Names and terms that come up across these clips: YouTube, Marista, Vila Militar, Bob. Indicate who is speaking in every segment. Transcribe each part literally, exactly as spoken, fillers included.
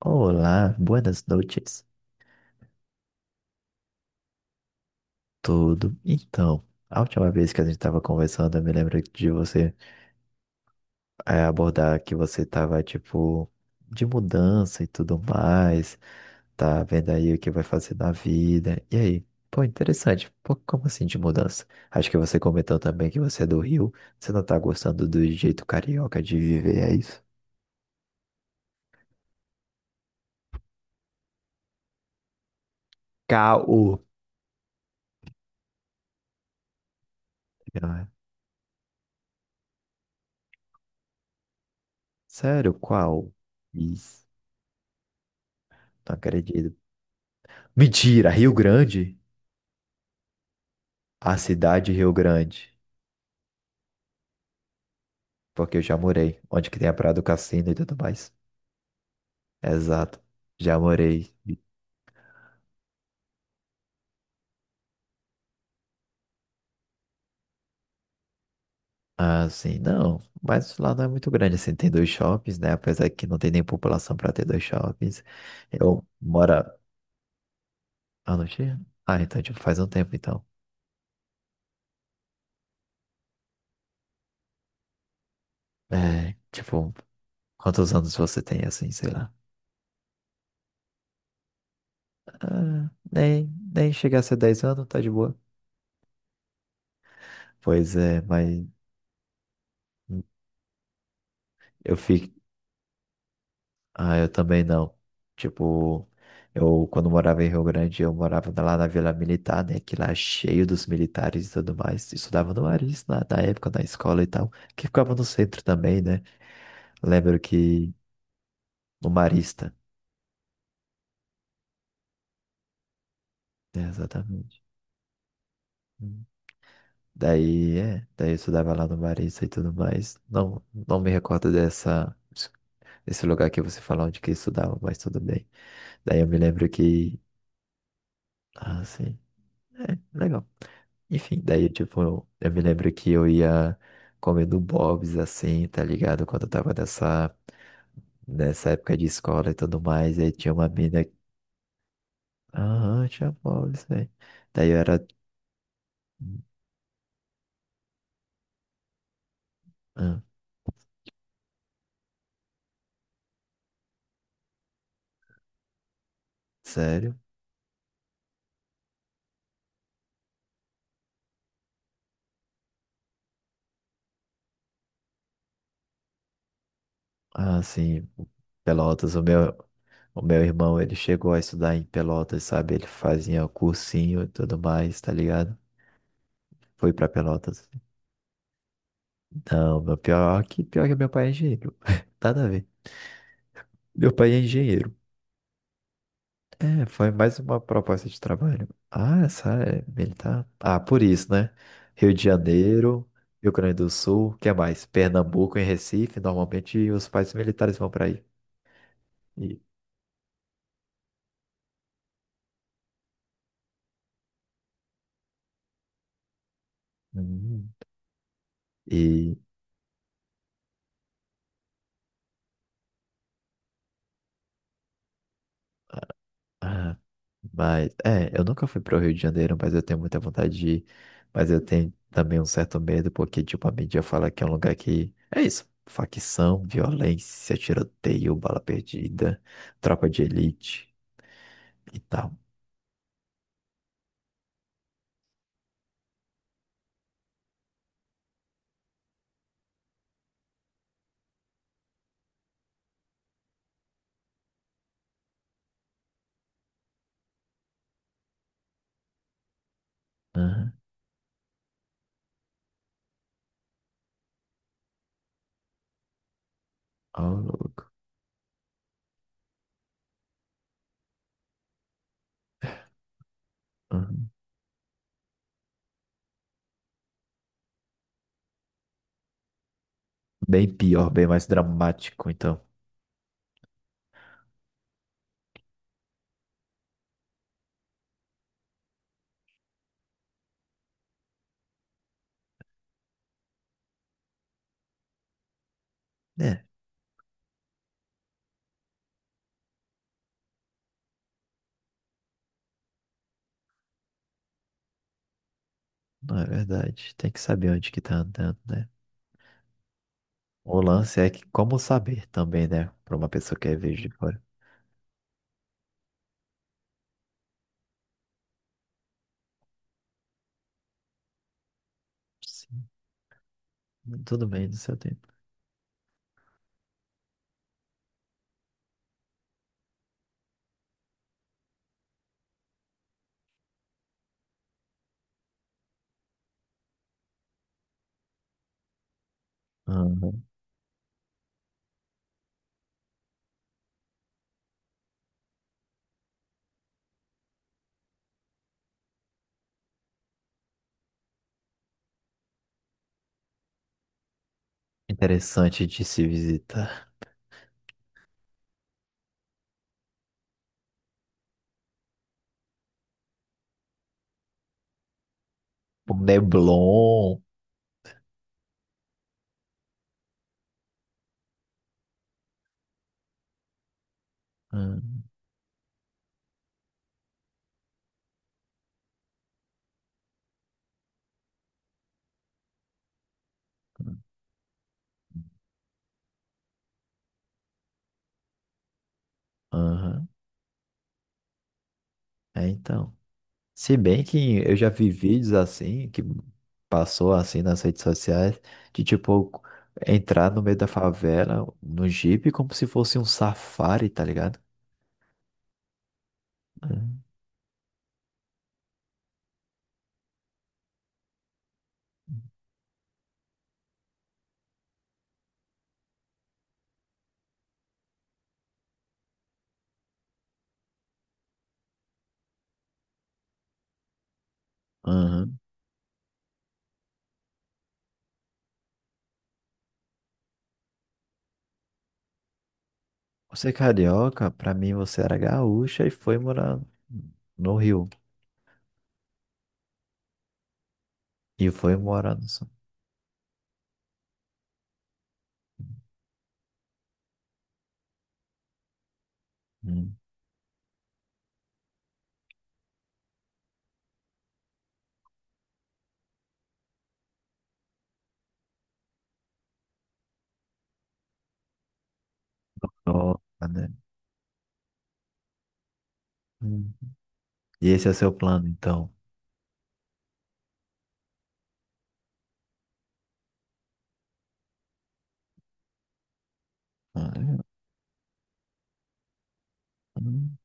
Speaker 1: Olá, buenas noites. Tudo? Então, a última vez que a gente estava conversando, eu me lembro de você eh, abordar que você estava, tipo, de mudança e tudo mais, tá vendo aí o que vai fazer na vida. E aí? Pô, interessante. Pô, como assim de mudança? Acho que você comentou também que você é do Rio, você não tá gostando do jeito carioca de viver, é isso? Caô. Ah, sério, qual? Isso, não acredito. Mentira, Rio Grande? A cidade de Rio Grande, porque eu já morei, onde que tem a Praia do Cassino e tudo mais. Exato, já morei. Ah, sim, não, mas lá não é muito grande, assim, tem dois shoppings, né? Apesar que não tem nem população para ter dois shoppings. Eu moro... Ah, não tinha? Ah, então, tipo, faz um tempo, então. É, tipo, quantos anos você tem, assim, sei lá? Ah, nem, nem chegar a ser dez anos, tá de boa. Pois é, mas eu fico. Ah, eu também não. Tipo, eu quando morava em Rio Grande, eu morava lá na Vila Militar, né? Que lá é cheio dos militares e tudo mais. Estudava no Maris na, na época, na escola e tal. Que ficava no centro também, né? Lembro que no Marista, né? Exatamente. Hum. Daí, é, daí eu estudava lá no Marista e tudo mais. Não, não me recordo dessa, desse lugar que você falou onde que eu estudava, mas tudo bem. Daí eu me lembro que. Ah, sim. É, legal. Enfim, daí, tipo, eu, eu me lembro que eu ia comendo Bob's, assim, tá ligado? Quando eu tava nessa, nessa época de escola e tudo mais, e aí tinha uma mina... Aham, tinha Bob's, velho. Daí eu era... Hã? Sério? Ah, sim, Pelotas, o meu... O meu irmão, ele chegou a estudar em Pelotas, sabe? Ele fazia cursinho e tudo mais, tá ligado? Foi pra Pelotas. Não, meu pior que pior que meu pai é engenheiro. Nada a ver. Meu pai é engenheiro. É, foi mais uma proposta de trabalho. Ah, essa é militar. Ah, por isso, né? Rio de Janeiro, Rio Grande do Sul, que mais? Pernambuco e Recife, normalmente os países militares vão para aí. E, hum, e ah, mas é, eu nunca fui para o Rio de Janeiro, mas eu tenho muita vontade de ir. Mas eu tenho também um certo medo, porque tipo a mídia fala que é um lugar que é isso, facção, violência, tiroteio, bala perdida, tropa de elite e tal, né? Ah, louco. Uhum. Bem pior, bem mais dramático, então. É, não é verdade. Tem que saber onde que tá andando, né? O lance é que como saber também, né? Para uma pessoa que é vejo de fora. Sim, tudo bem no seu tempo. Uhum. Interessante de se visitar. O Neblon. Uhum. Uhum. É, então. Se bem que eu já vi vídeos assim, que passou assim nas redes sociais, de tipo, entrar no meio da favela, no Jeep como se fosse um safari, tá ligado? Uhum. Uhum. Você é carioca, pra mim você era gaúcha e foi morar no Rio. E foi morar no Sul. Hum. Nossa, né? Hum. E esse é seu plano, então? Ah, é hum,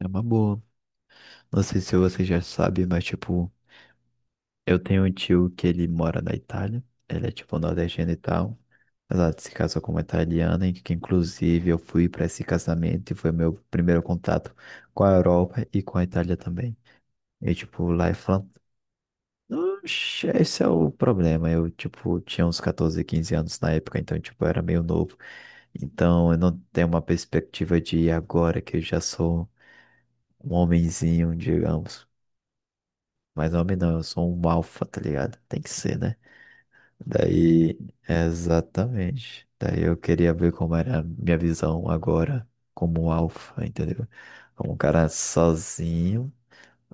Speaker 1: é uma boa. Não sei se você já sabe, mas tipo. Eu tenho um tio que ele mora na Itália, ele é tipo nordestino e tal, mas ela se casou com uma italiana, e que inclusive eu fui para esse casamento e foi meu primeiro contato com a Europa e com a Itália também. E tipo, lá é fan... Oxe, esse é o problema, eu tipo tinha uns quatorze, quinze anos na época, então tipo eu era meio novo. Então, eu não tenho uma perspectiva de ir agora que eu já sou um homenzinho, digamos. Mas homem não, eu sou um alfa, tá ligado? Tem que ser, né? Daí, exatamente. Daí eu queria ver como era a minha visão agora, como um alfa, entendeu? Como um cara sozinho,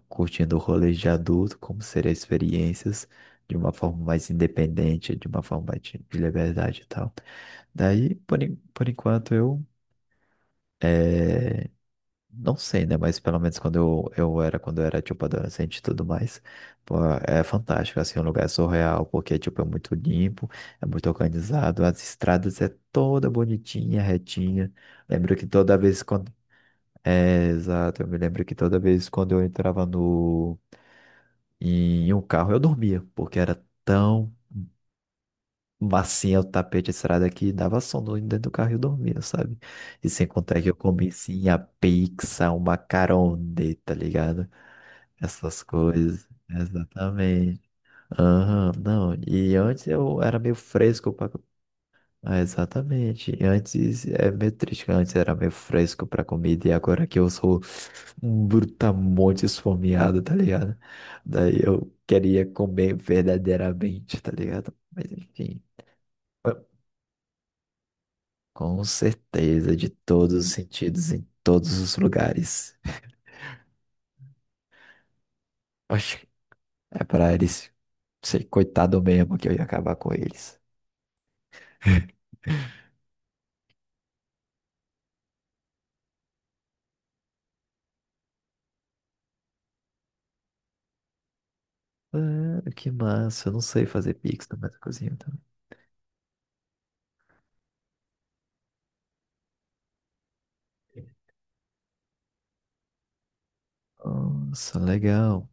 Speaker 1: curtindo o rolê de adulto, como seriam experiências de uma forma mais independente, de uma forma mais de de liberdade e tal. Daí, por, en- por enquanto, eu eh, não sei, né? Mas pelo menos quando eu, eu era, quando eu era, tipo, adolescente e tudo mais, pô, é fantástico, assim, um lugar é surreal, porque, tipo, é muito limpo, é muito organizado, as estradas é toda bonitinha, retinha. Lembro que toda vez quando... É, exato, eu me lembro que toda vez quando eu entrava no... em um carro, eu dormia, porque era tão macia o tapete de estrada que dava sono dentro do carro e eu dormia, sabe? E sem contar que eu comi, sim, a pizza, uma macarone, tá ligado? Essas coisas, exatamente. Aham, não, e antes eu era meio fresco para. Ah, exatamente. E antes é meio triste, que antes era meio fresco para comida e agora que eu sou um brutamonte esfomeado, tá ligado? Daí eu queria comer verdadeiramente, tá ligado? Mas enfim, com certeza, de todos os sentidos, em todos os lugares. Oxe, é para eles ser coitado mesmo que eu ia acabar com eles. Ah, que massa. Eu não sei fazer pix na minha cozinha também. Nossa, legal.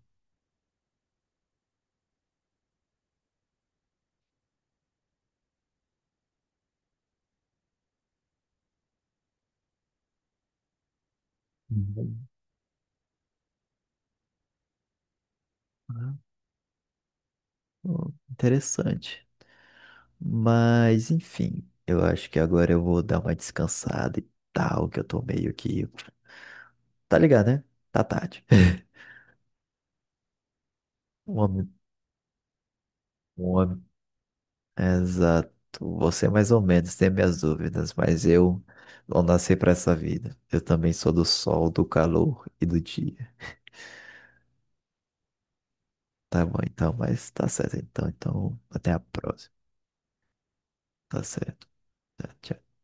Speaker 1: Uhum. Ah, pô, interessante. Mas, enfim, eu acho que agora eu vou dar uma descansada e tal, que eu tô meio que. Tá ligado, né? Tá tarde. Um homem, um homem. Exato. Você é mais ou menos tem minhas dúvidas, mas eu não nasci pra essa vida. Eu também sou do sol, do calor e do dia. Tá bom, então, mas tá certo então. Então, até a próxima. Tá certo. Tá, tchau.